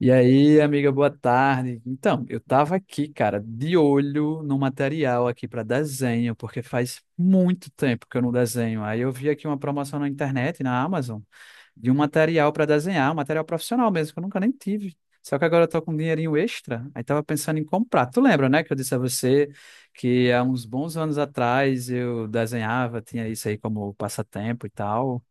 E aí, amiga, boa tarde. Então, eu tava aqui, cara, de olho no material aqui para desenho, porque faz muito tempo que eu não desenho. Aí eu vi aqui uma promoção na internet, na Amazon, de um material para desenhar, um material profissional mesmo, que eu nunca nem tive. Só que agora eu tô com um dinheirinho extra, aí tava pensando em comprar. Tu lembra, né, que eu disse a você que há uns bons anos atrás eu desenhava, tinha isso aí como passatempo e tal.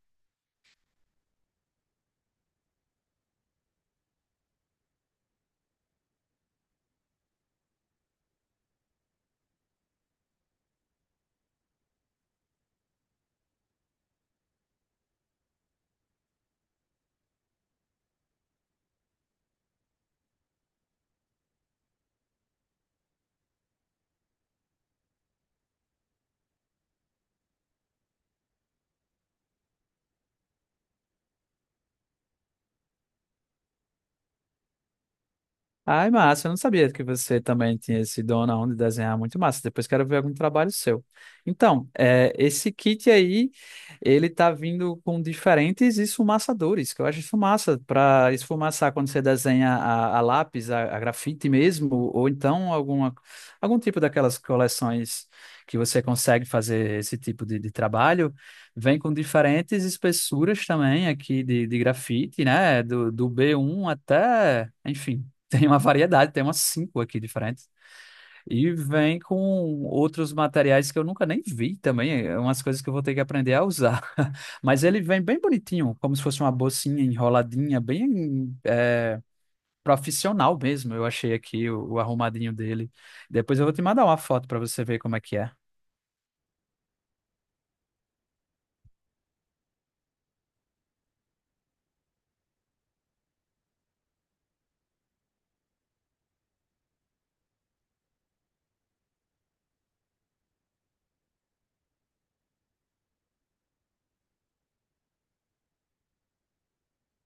Ai, massa, eu não sabia que você também tinha esse dom na onda de desenhar, muito massa. Depois quero ver algum trabalho seu. Então, esse kit aí, ele tá vindo com diferentes esfumaçadores, que eu acho isso massa, para esfumaçar quando você desenha a lápis, a grafite mesmo, ou então alguma, algum tipo daquelas coleções que você consegue fazer esse tipo de trabalho. Vem com diferentes espessuras também aqui de grafite, né? Do B1 até, enfim. Tem uma variedade, tem umas cinco aqui diferentes. E vem com outros materiais que eu nunca nem vi também. É umas coisas que eu vou ter que aprender a usar. Mas ele vem bem bonitinho, como se fosse uma bolsinha enroladinha, profissional mesmo. Eu achei aqui o arrumadinho dele. Depois eu vou te mandar uma foto para você ver como é que é.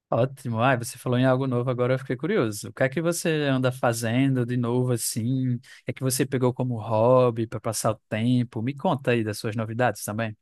Ótimo. Ai, você falou em algo novo, agora eu fiquei curioso. O que é que você anda fazendo de novo assim? O que é que você pegou como hobby para passar o tempo? Me conta aí das suas novidades também.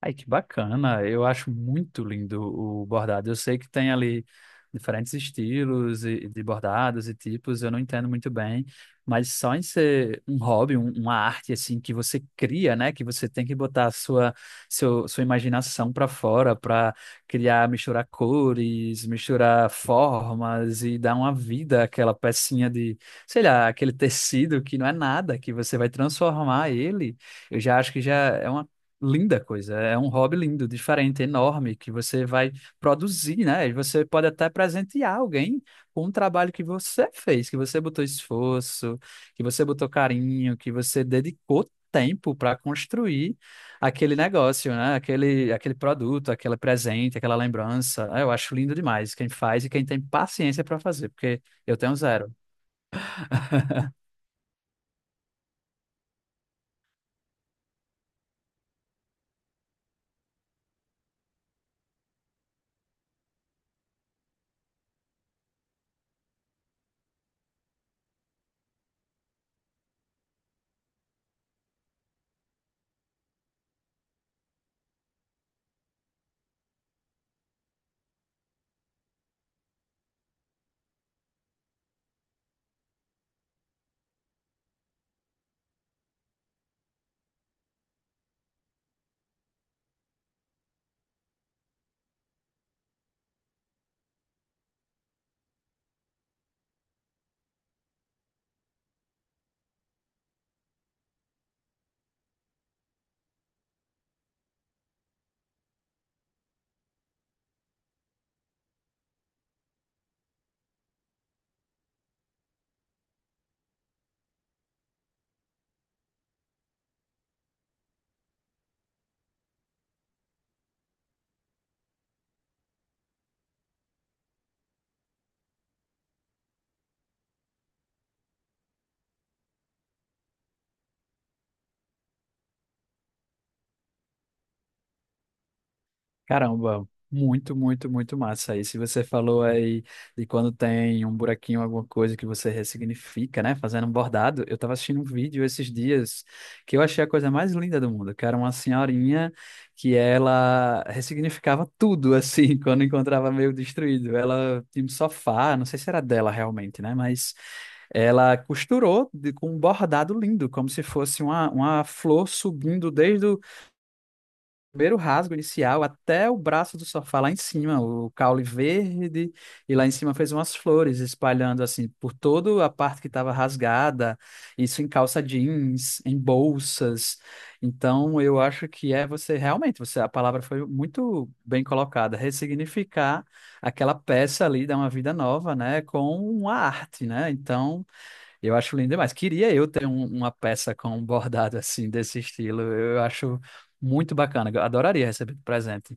Ai, que bacana. Eu acho muito lindo o bordado. Eu sei que tem ali diferentes estilos de bordados e tipos, eu não entendo muito bem, mas só em ser um hobby, uma arte assim que você cria, né, que você tem que botar a sua imaginação para fora para criar, misturar cores, misturar formas e dar uma vida àquela pecinha de, sei lá, aquele tecido que não é nada, que você vai transformar ele. Eu já acho que já é uma linda coisa. É um hobby lindo, diferente, enorme, que você vai produzir, né? E você pode até presentear alguém com um trabalho que você fez, que você botou esforço, que você botou carinho, que você dedicou tempo para construir aquele negócio, né? Aquele produto, aquele presente, aquela lembrança. Ah, eu acho lindo demais quem faz e quem tem paciência para fazer, porque eu tenho zero. Caramba, muito, muito, muito massa. Aí, se você falou aí de quando tem um buraquinho, alguma coisa que você ressignifica, né? Fazendo um bordado, eu tava assistindo um vídeo esses dias que eu achei a coisa mais linda do mundo, que era uma senhorinha que ela ressignificava tudo, assim, quando encontrava meio destruído. Ela tinha um sofá, não sei se era dela realmente, né? Mas ela costurou com um bordado lindo, como se fosse uma flor subindo desde o primeiro rasgo inicial até o braço do sofá lá em cima, o caule verde, e lá em cima fez umas flores espalhando assim por toda a parte que estava rasgada, isso em calça jeans, em bolsas. Então eu acho que é você realmente, você a palavra foi muito bem colocada, ressignificar aquela peça ali, dar uma vida nova, né, com a arte, né? Então eu acho lindo demais. Queria eu ter uma peça com um bordado assim, desse estilo. Eu acho muito bacana. Eu adoraria receber de presente.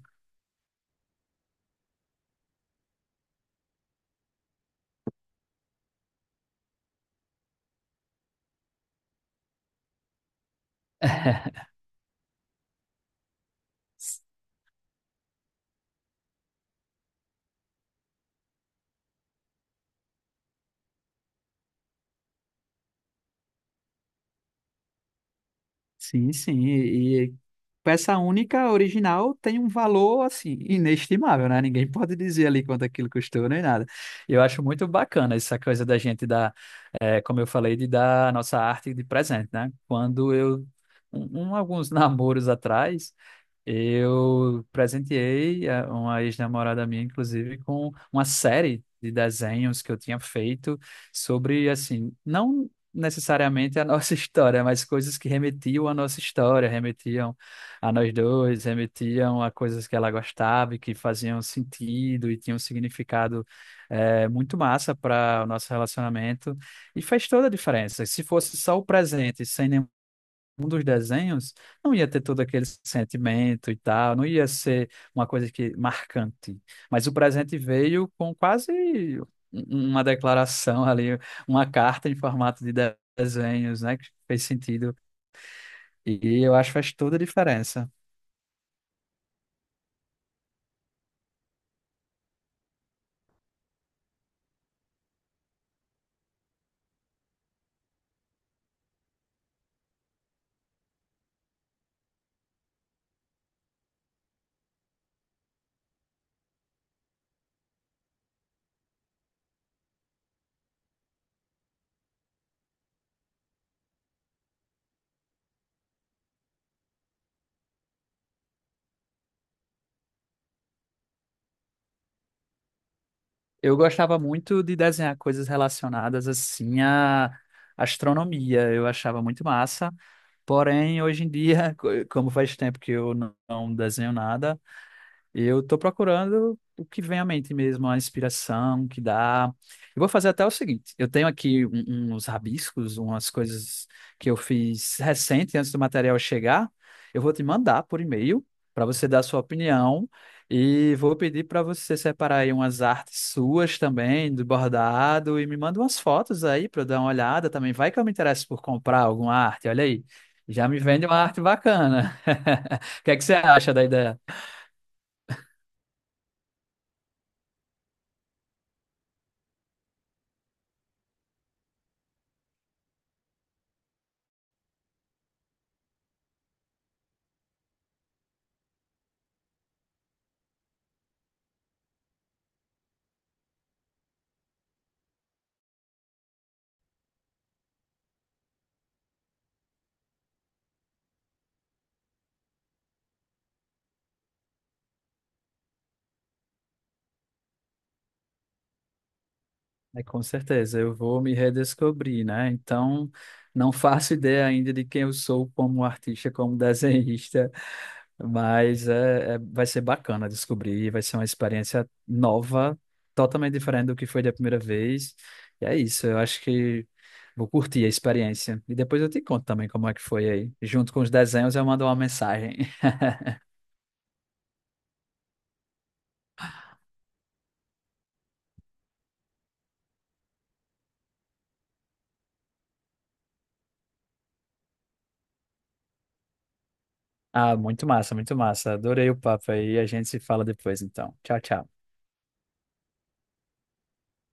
Sim, sim. E peça única original tem um valor assim inestimável, né? Ninguém pode dizer ali quanto aquilo custou nem nada. E eu acho muito bacana essa coisa da gente dar, eh, como eu falei, de dar a nossa arte de presente, né? Quando eu alguns namoros atrás eu presenteei uma ex-namorada minha, inclusive, com uma série de desenhos que eu tinha feito sobre, assim, não necessariamente a nossa história, mas coisas que remetiam à nossa história, remetiam a nós dois, remetiam a coisas que ela gostava e que faziam sentido e tinham um significado muito massa para o nosso relacionamento. E faz toda a diferença. Se fosse só o presente, sem nenhum um dos desenhos, não ia ter todo aquele sentimento e tal, não ia ser uma coisa que marcante. Mas o presente veio com quase um- um, uma declaração ali, uma carta em formato desenhos, né, que fez sentido. E eu acho que faz toda a diferença. Eu gostava muito de desenhar coisas relacionadas assim à astronomia, eu achava muito massa. Porém, hoje em dia, como faz tempo que eu não desenho nada, e eu tô procurando o que vem à mente mesmo, a inspiração que dá. Eu vou fazer até o seguinte: eu tenho aqui uns rabiscos, umas coisas que eu fiz recente, antes do material chegar. Eu vou te mandar por e-mail para você dar a sua opinião e vou pedir para você separar aí umas artes suas também, do bordado, e me manda umas fotos aí para eu dar uma olhada também. Vai que eu me interesso por comprar alguma arte, olha aí. Já me vende uma arte bacana. O que é que você acha da ideia? É, com certeza, eu vou me redescobrir, né? Então, não faço ideia ainda de quem eu sou como artista, como desenhista, mas vai ser bacana descobrir, vai ser uma experiência nova, totalmente diferente do que foi da primeira vez. E é isso, eu acho que vou curtir a experiência. E depois eu te conto também como é que foi aí. Junto com os desenhos, eu mando uma mensagem. Ah, muito massa, muito massa. Adorei o papo aí. A gente se fala depois, então. Tchau, tchau.